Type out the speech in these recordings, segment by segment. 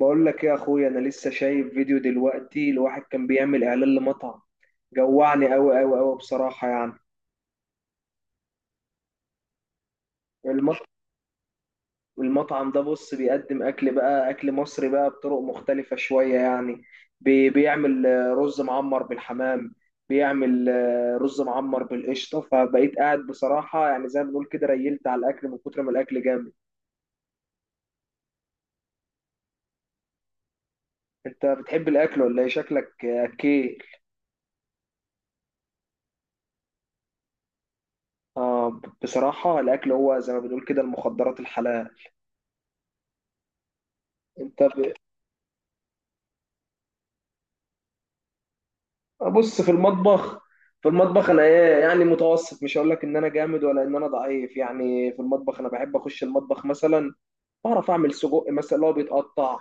بقول لك ايه يا اخويا، انا لسه شايف فيديو دلوقتي لواحد كان بيعمل اعلان لمطعم. جوعني قوي قوي قوي بصراحة يعني. المط... المطعم ده بص بيقدم اكل بقى، اكل مصري بقى بطرق مختلفة شوية يعني. بيعمل رز معمر بالحمام. بيعمل رز معمر بالقشطة. فبقيت قاعد بصراحة يعني، زي ما بنقول كده، ريلت على الاكل من كتر ما الاكل جامد. انت بتحب الاكل ولا ايه؟ شكلك اكيل. اه، بصراحة الاكل هو زي ما بنقول كده المخدرات الحلال. انت ب... بص، في المطبخ، في المطبخ انا ايه يعني، متوسط. مش هقول لك ان انا جامد ولا ان انا ضعيف يعني. في المطبخ انا بحب اخش المطبخ مثلا. بعرف اعمل سجق مثلا، اللي هو بيتقطع.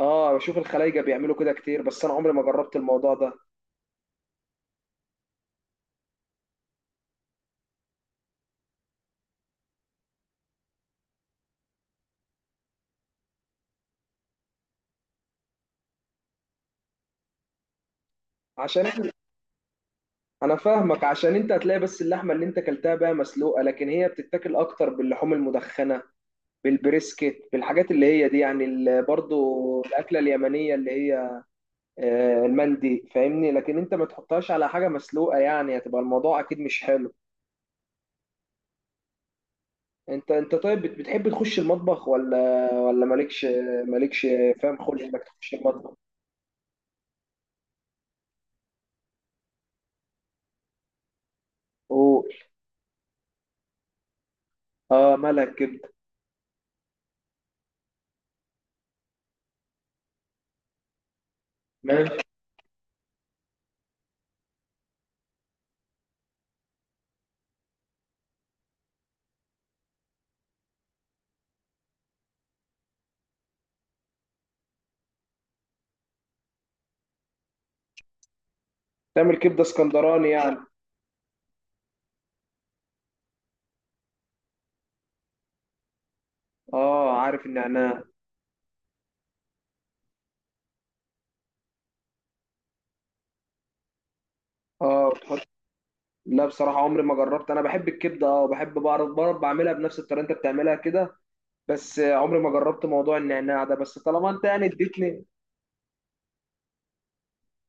اه، بشوف الخلايجه بيعملوا كده كتير، بس انا عمري ما جربت الموضوع ده. عشان إحنا- انا فاهمك. عشان انت هتلاقي بس اللحمه اللي انت اكلتها بقى مسلوقه، لكن هي بتتاكل اكتر باللحوم المدخنه، بالبريسكت، بالحاجات اللي هي دي يعني. برضو الاكله اليمنيه اللي هي المندي، فاهمني؟ لكن انت ما تحطهاش على حاجه مسلوقه يعني، هتبقى الموضوع اكيد مش حلو. انت طيب، بتحب تخش المطبخ ولا مالكش؟ مالكش فاهم خلق انك تخش المطبخ. قول. اه، مالها الكبده؟ ماشي. تعمل كبده اسكندراني يعني. اه، عارف النعناع. اه، بتحط. لا، بصراحه عمري ما جربت. انا بحب الكبده اه، وبحب بعرف بعملها بنفس الطريقه انت بتعملها كده. بس عمري ما جربت موضوع النعناع ده. بس طالما انت يعني اديتني،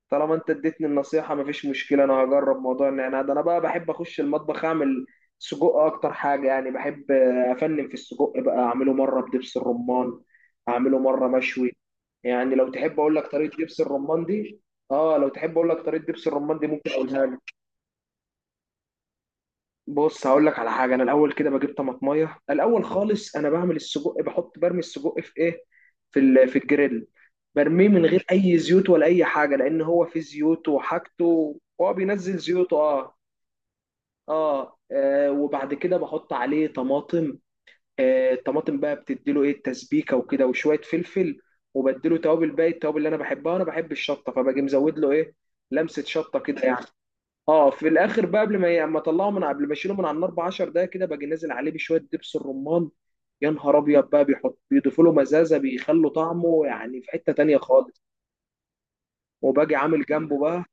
طالما انت اديتني النصيحه، مفيش مشكله، انا هجرب موضوع النعناع ده. انا بقى بحب اخش المطبخ اعمل سجق اكتر حاجه يعني. بحب افنن في السجق بقى، اعمله مره بدبس الرمان، اعمله مره مشوي. يعني لو تحب اقول لك طريقه دبس الرمان دي. اه، لو تحب اقول لك طريقه دبس الرمان دي ممكن اقولها لك. بص، هقول لك على حاجه. انا الاول كده بجيب طماطميه الاول خالص. انا بعمل السجق، بحط برمي السجق في ايه، في في الجريل. برميه من غير اي زيوت ولا اي حاجه، لان هو في زيوت وحاجته، هو بينزل زيوته اه. اه, وبعد كده بحط عليه طماطم. آه، الطماطم بقى بتديله ايه، التسبيكه وكده وشويه فلفل، وبديله توابل باقي التوابل اللي انا بحبها. انا بحب الشطه، فباجي مزود له ايه، لمسه شطه كده يعني. اه، في الاخر بقى، قبل ما ي- اما اطلعه، من قبل ما اشيله من على النار ب 10 دقايق كده، باجي نازل عليه بشويه دبس الرمان. يا نهار ابيض بقى، بيضيفوا له مزازه، بيخلوا طعمه يعني في حته تانية خالص. وباجي عامل جنبه بقى.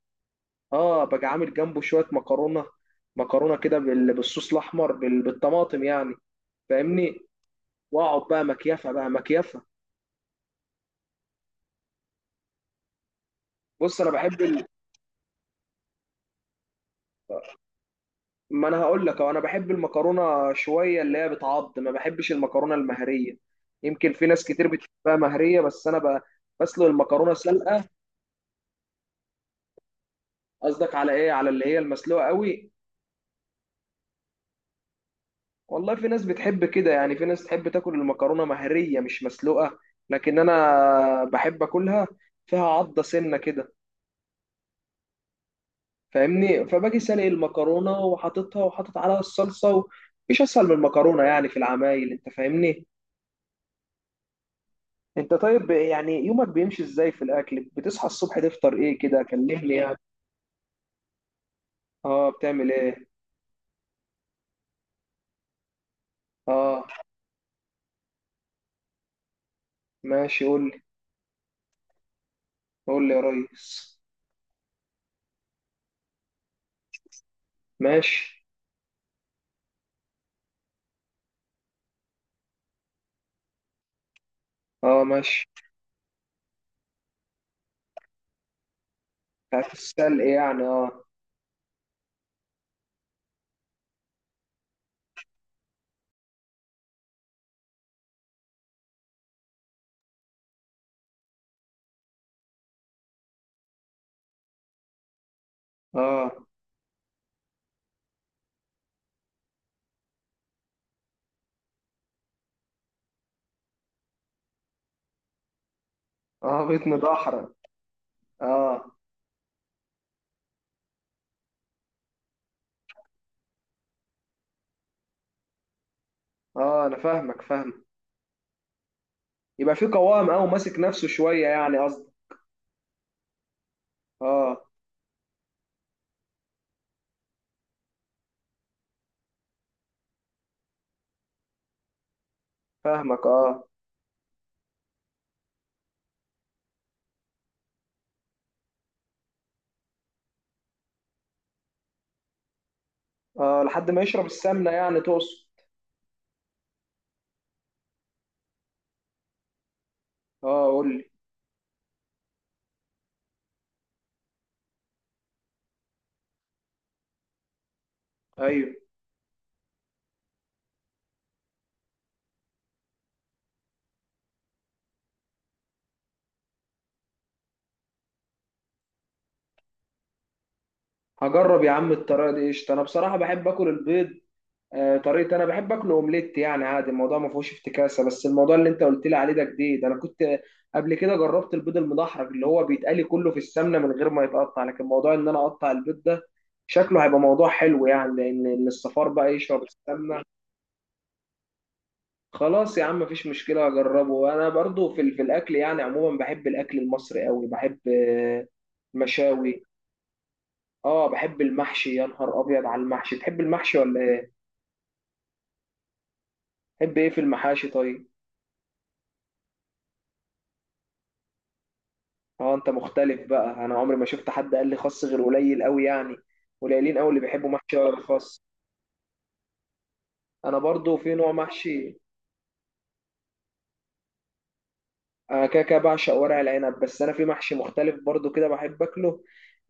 اه، باجي عامل جنبه شويه مكرونه. مكرونه كده بالصوص الاحمر، بالطماطم يعني، فاهمني. واقعد بقى مكيفه بقى مكيفه. بص، انا بحب. ما انا هقول لك انا بحب المكرونه شويه اللي هي بتعض، ما بحبش المكرونه المهريه. يمكن في ناس كتير بتحبها مهريه، بس انا بسلق المكرونه سلقه. قصدك على ايه، على اللي هي المسلوقه قوي؟ والله في ناس بتحب كده يعني، في ناس تحب تاكل المكرونه مهريه مش مسلوقه، لكن انا بحب اكلها فيها عضه سنه كده، فاهمني. فباجي سلق المكرونه وحاططها وحاطط عليها الصلصه، و... مش اسهل من المكرونه يعني في العمايل، انت فاهمني. انت طيب، يعني يومك بيمشي ازاي في الاكل؟ بتصحى الصبح تفطر ايه كده، كلمني يعني. اه، بتعمل ايه. اه، ماشي قول لي. قول لي يا ريس. ماشي. اه ماشي. بتاعت السلق يعني، اه. اه. اه بطن ضحرة. اه. اه انا فاهمك، فاهم. يبقى في قوام او ماسك نفسه شوية يعني، قصدي. اه فاهمك. اه، اه لحد ما يشرب السمنة يعني تقصد. اه قول لي. ايوه. هجرب يا عم الطريقة دي، قشطة. انا بصراحة بحب اكل البيض. طريقة أنا بحب أكله أومليت يعني، عادي الموضوع ما فيهوش افتكاسة. بس الموضوع اللي أنت قلت لي عليه ده جديد. أنا كنت قبل كده جربت البيض المدحرج اللي هو بيتقلي كله في السمنة من غير ما يتقطع، لكن موضوع إن أنا أقطع البيض ده شكله هيبقى موضوع حلو يعني، لأن إن الصفار بقى يشرب السمنة. خلاص يا عم مفيش مشكلة، أجربه. أنا برضو في الأكل يعني عموما بحب الأكل المصري أوي. بحب المشاوي. أه بحب المحشي. يا نهار أبيض على المحشي. تحب المحشي ولا إيه؟ تحب إيه في المحاشي طيب؟ اه انت مختلف بقى. انا عمري ما شفت حد قال لي خس، غير قليل قوي يعني، قليلين قوي اللي بيحبوا محشي ورق الخاص. انا برضو في نوع محشي. انا كده كده بعشق ورق العنب، بس انا في محشي مختلف برضو كده بحب اكله،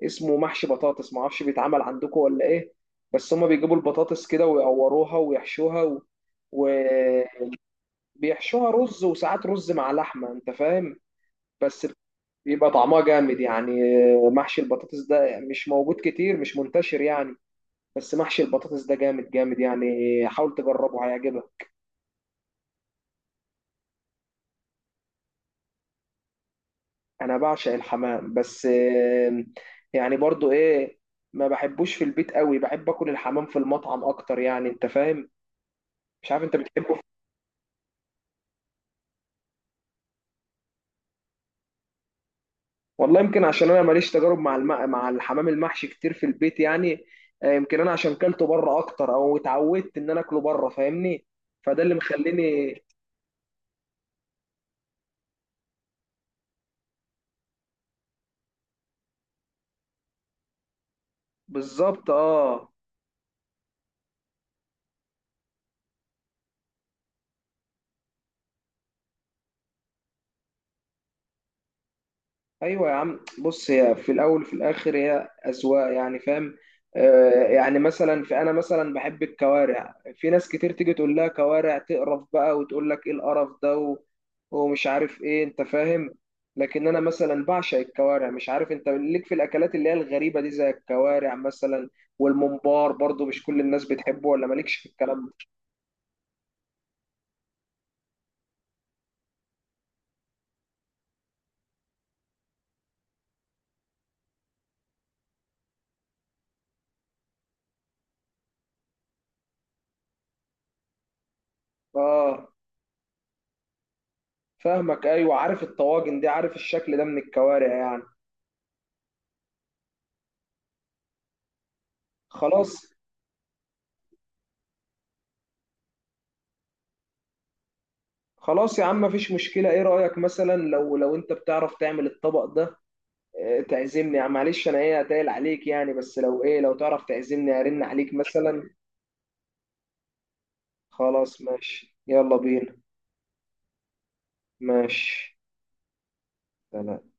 اسمه محشي بطاطس. ما اعرفش بيتعمل عندكم ولا ايه. بس هما بيجيبوا البطاطس كده ويقوروها ويحشوها و... وبيحشوها رز، وساعات رز مع لحمة، انت فاهم. بس بيبقى طعمها جامد يعني. محشي البطاطس ده مش موجود كتير، مش منتشر يعني. بس محشي البطاطس ده جامد جامد يعني، حاول تجربه هيعجبك. انا بعشق الحمام، بس يعني برضو ايه، ما بحبوش في البيت قوي. بحب اكل الحمام في المطعم اكتر يعني، انت فاهم. مش عارف انت بتحبه. والله يمكن عشان انا ماليش تجارب مع مع الحمام المحشي كتير في البيت يعني. يمكن انا عشان كلته بره اكتر، او اتعودت ان انا اكله بره، فاهمني. فده اللي مخليني. بالظبط اه. ايوه يا عم. بص، هي في الاول وفي الاخر هي اذواق يعني، فاهم. آه يعني مثلا، في انا مثلا بحب الكوارع، في ناس كتير تيجي تقول لها كوارع تقرف بقى، وتقول لك ايه القرف ده و... ومش عارف ايه، انت فاهم. لكن انا مثلا بعشق الكوارع. مش عارف انت ليك في الاكلات اللي هي الغريبه دي زي الكوارع مثلا، والممبار. برضو مش كل الناس بتحبه، ولا مالكش في الكلام ده؟ اه فاهمك. ايوه عارف الطواجن دي، عارف الشكل ده من الكوارع يعني. خلاص. خلاص يا عم مفيش مشكلة. ايه رأيك مثلا، لو لو انت بتعرف تعمل الطبق ده تعزمني يعني، معلش انا ايه هتقل عليك يعني، بس لو ايه، لو تعرف تعزمني ارن عليك مثلا. خلاص ماشي يلا بينا. ماشي. سلام.